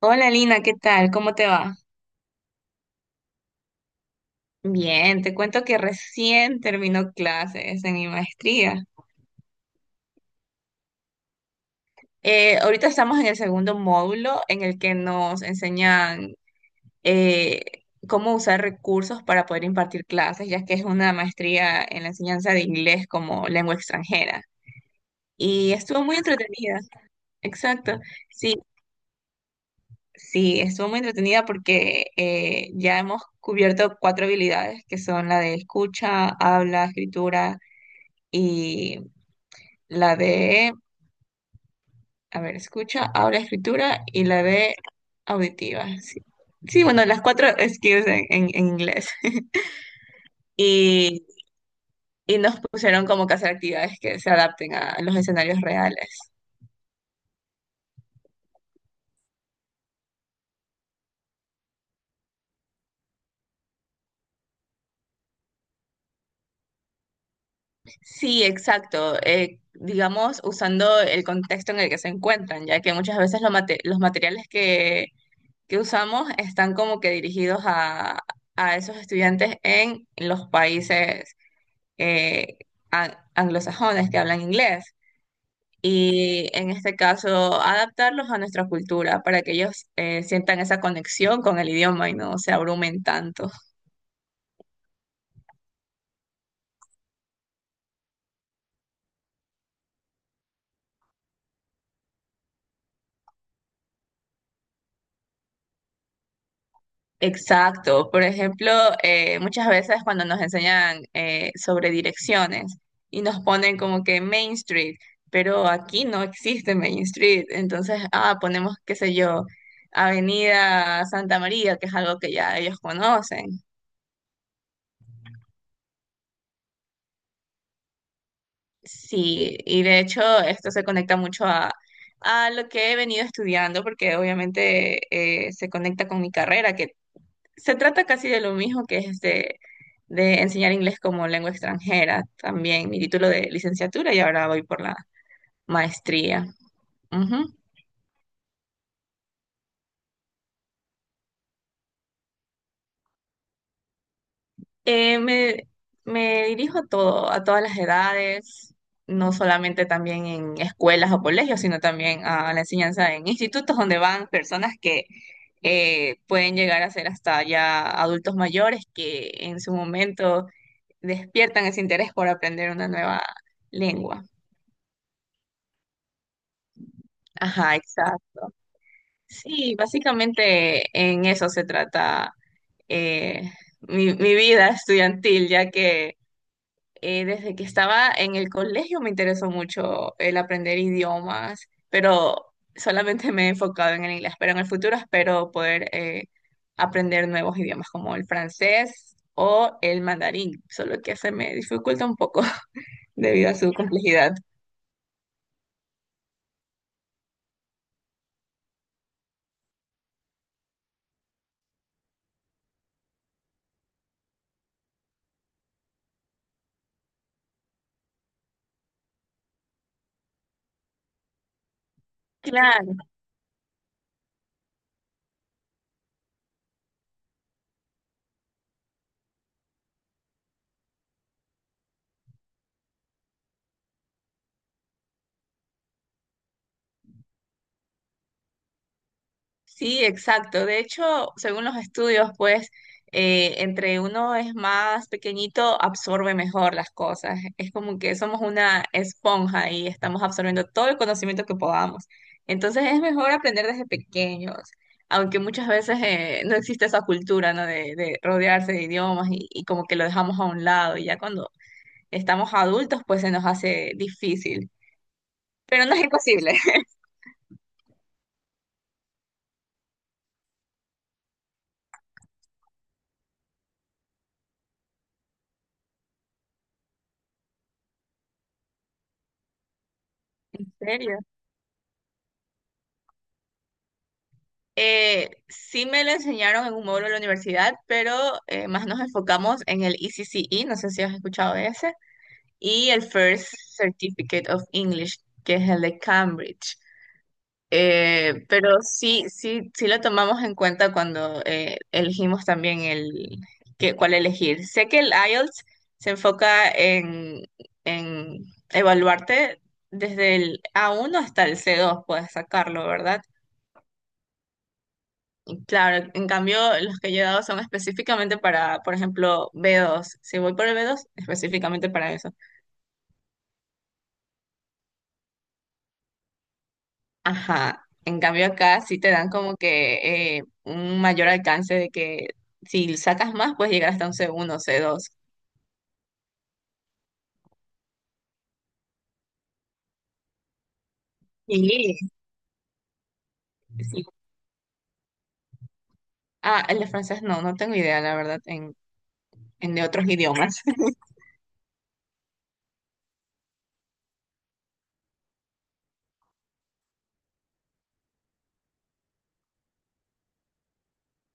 Hola Lina, ¿qué tal? ¿Cómo te va? Bien, te cuento que recién terminó clases en mi maestría. Ahorita estamos en el segundo módulo en el que nos enseñan eh, cómo usar recursos para poder impartir clases, ya que es una maestría en la enseñanza de inglés como lengua extranjera. Y estuvo muy entretenida. Exacto. Sí, sí, estuvo muy entretenida porque ya hemos cubierto cuatro habilidades que son la de escucha, habla, escritura y la de, a ver, escucha, habla, escritura y la de auditiva. Sí, sí, bueno, las cuatro skills en inglés. Y, y nos pusieron como que hacer actividades que se adapten a los escenarios reales. Sí, exacto. Digamos, usando el contexto en el que se encuentran, ya que muchas veces los materiales que usamos están como que dirigidos a esos estudiantes en los países eh, anglosajones que hablan inglés y en este caso adaptarlos a nuestra cultura para que ellos sientan esa conexión con el idioma y no se abrumen tanto. Exacto. Por ejemplo, muchas veces cuando nos enseñan sobre direcciones y nos ponen como que Main Street, pero aquí no existe Main Street, entonces, ah, ponemos, qué sé yo. Avenida Santa María, que es algo que ya ellos conocen. Sí, y de hecho esto se conecta mucho a lo que he venido estudiando, porque obviamente se conecta con mi carrera, que se trata casi de lo mismo, que es de enseñar inglés como lengua extranjera, también mi título de licenciatura y ahora voy por la maestría. Ujú. Eh, me, me dirijo a todo, a todas las edades, no solamente también en escuelas o colegios, sino también a la enseñanza en institutos donde van personas que pueden llegar a ser hasta ya adultos mayores que en su momento despiertan ese interés por aprender una nueva lengua. Ajá, exacto. Sí, básicamente en eso se trata eh, mi vida estudiantil, ya que desde que estaba en el colegio me interesó mucho el aprender idiomas, pero solamente me he enfocado en el inglés, pero en el futuro espero poder aprender nuevos idiomas como el francés o el mandarín, solo que se me dificulta un poco debido a su complejidad. Claro. Sí, exacto. De hecho, según los estudios, pues entre uno es más pequeñito, absorbe mejor las cosas. Es como que somos una esponja y estamos absorbiendo todo el conocimiento que podamos. Entonces es mejor aprender desde pequeños, aunque muchas veces no existe esa cultura, ¿no? De rodearse de idiomas y como que lo dejamos a un lado. Y ya cuando estamos adultos, pues se nos hace difícil. Pero no es imposible. ¿En serio? Sí, me lo enseñaron en un módulo de la universidad, pero más nos enfocamos en el ECCE, no sé si has escuchado de ese, y el First Certificate of English, que es el de Cambridge. Pero sí, sí, sí lo tomamos en cuenta cuando elegimos también el cuál elegir. Sé que el IELTS se enfoca en evaluarte desde el A1 hasta el C2, puedes sacarlo, ¿verdad? Claro, en cambio, los que yo he dado son específicamente para, por ejemplo, B2. Si voy por el B2, específicamente para eso. Ajá. En cambio, acá sí te dan como que un mayor alcance de que si sacas más, puedes llegar hasta un C1, C2. Sí, sí. Ah, el de francés no, no tengo idea, la verdad, en de otros idiomas.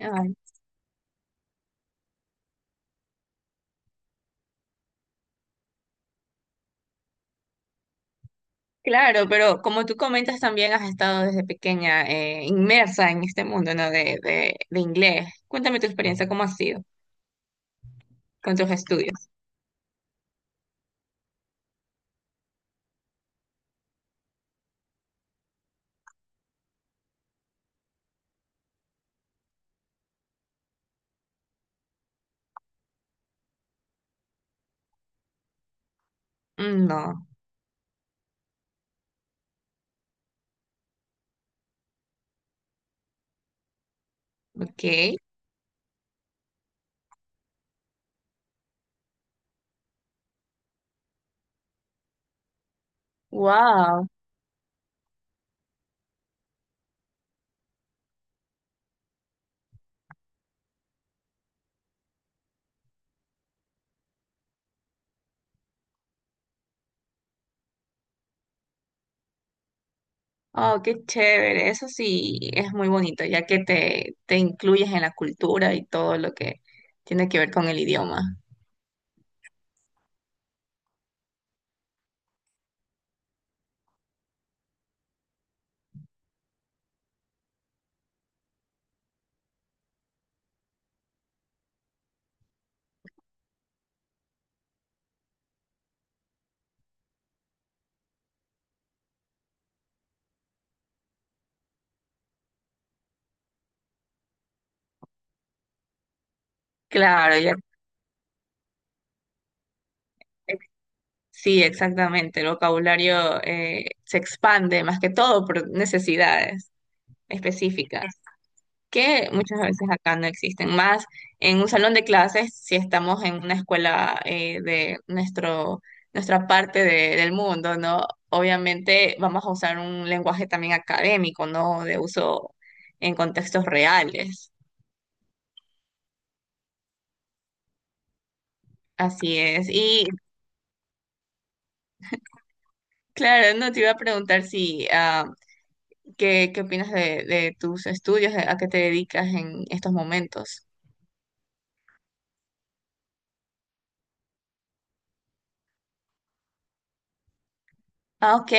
Ay, claro, pero como tú comentas, también has estado desde pequeña inmersa en este mundo, ¿no? De inglés. Cuéntame tu experiencia, ¿cómo ha sido con tus estudios? Mm, no, ok. Wow. Oh, qué chévere. Eso sí es muy bonito, ya que te incluyes en la cultura y todo lo que tiene que ver con el idioma. Claro, ya, ex- sí, exactamente. El vocabulario se expande más que todo por necesidades específicas, que muchas veces acá no existen. Más en un salón de clases, si estamos en una escuela de nuestro, nuestra del mundo, ¿no? Obviamente vamos a usar un lenguaje también académico, ¿no? De uso en contextos reales. Así es. Y claro, no, te iba a preguntar si, ah, ¿qué, qué opinas de tus estudios? ¿A qué te dedicas en estos momentos? Ah, ok.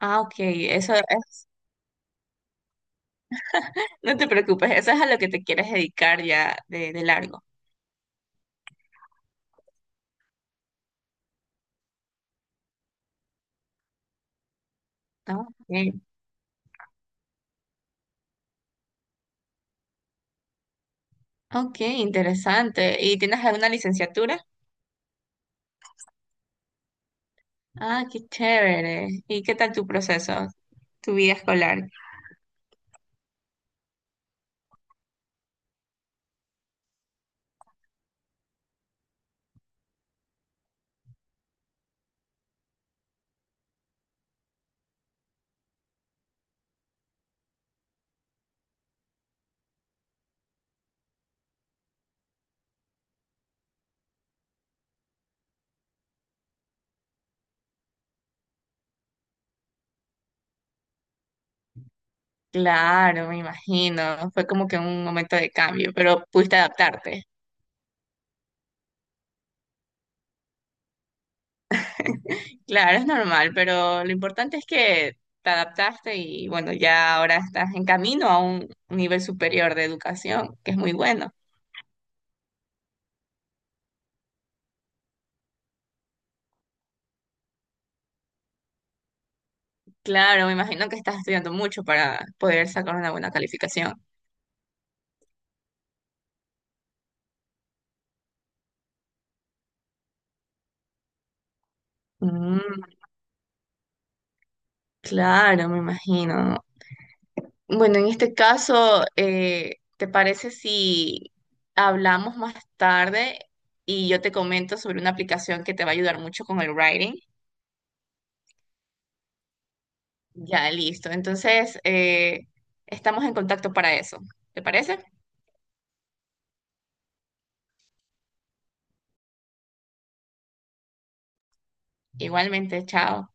Ah, ok. Eso es. No te preocupes, eso es a lo que te quieres dedicar ya de largo. Ah, ok. Ok, interesante. ¿Y tienes alguna licenciatura? Ah, qué chévere. ¿Y qué tal tu proceso, tu vida escolar? Claro, me imagino. Fue como que un momento de cambio, pero pudiste adaptarte. Claro, es normal, pero lo importante es que te adaptaste y bueno, ya ahora estás en camino a un nivel superior de educación, que es muy bueno. Claro, me imagino que estás estudiando mucho para poder sacar una buena calificación. Mm, claro, me imagino. Bueno, en este caso, ¿te parece si hablamos más tarde y yo te comento sobre una aplicación que te va a ayudar mucho con el writing? Ya, listo. Entonces, estamos en contacto para eso. ¿Te parece? Igualmente, chao.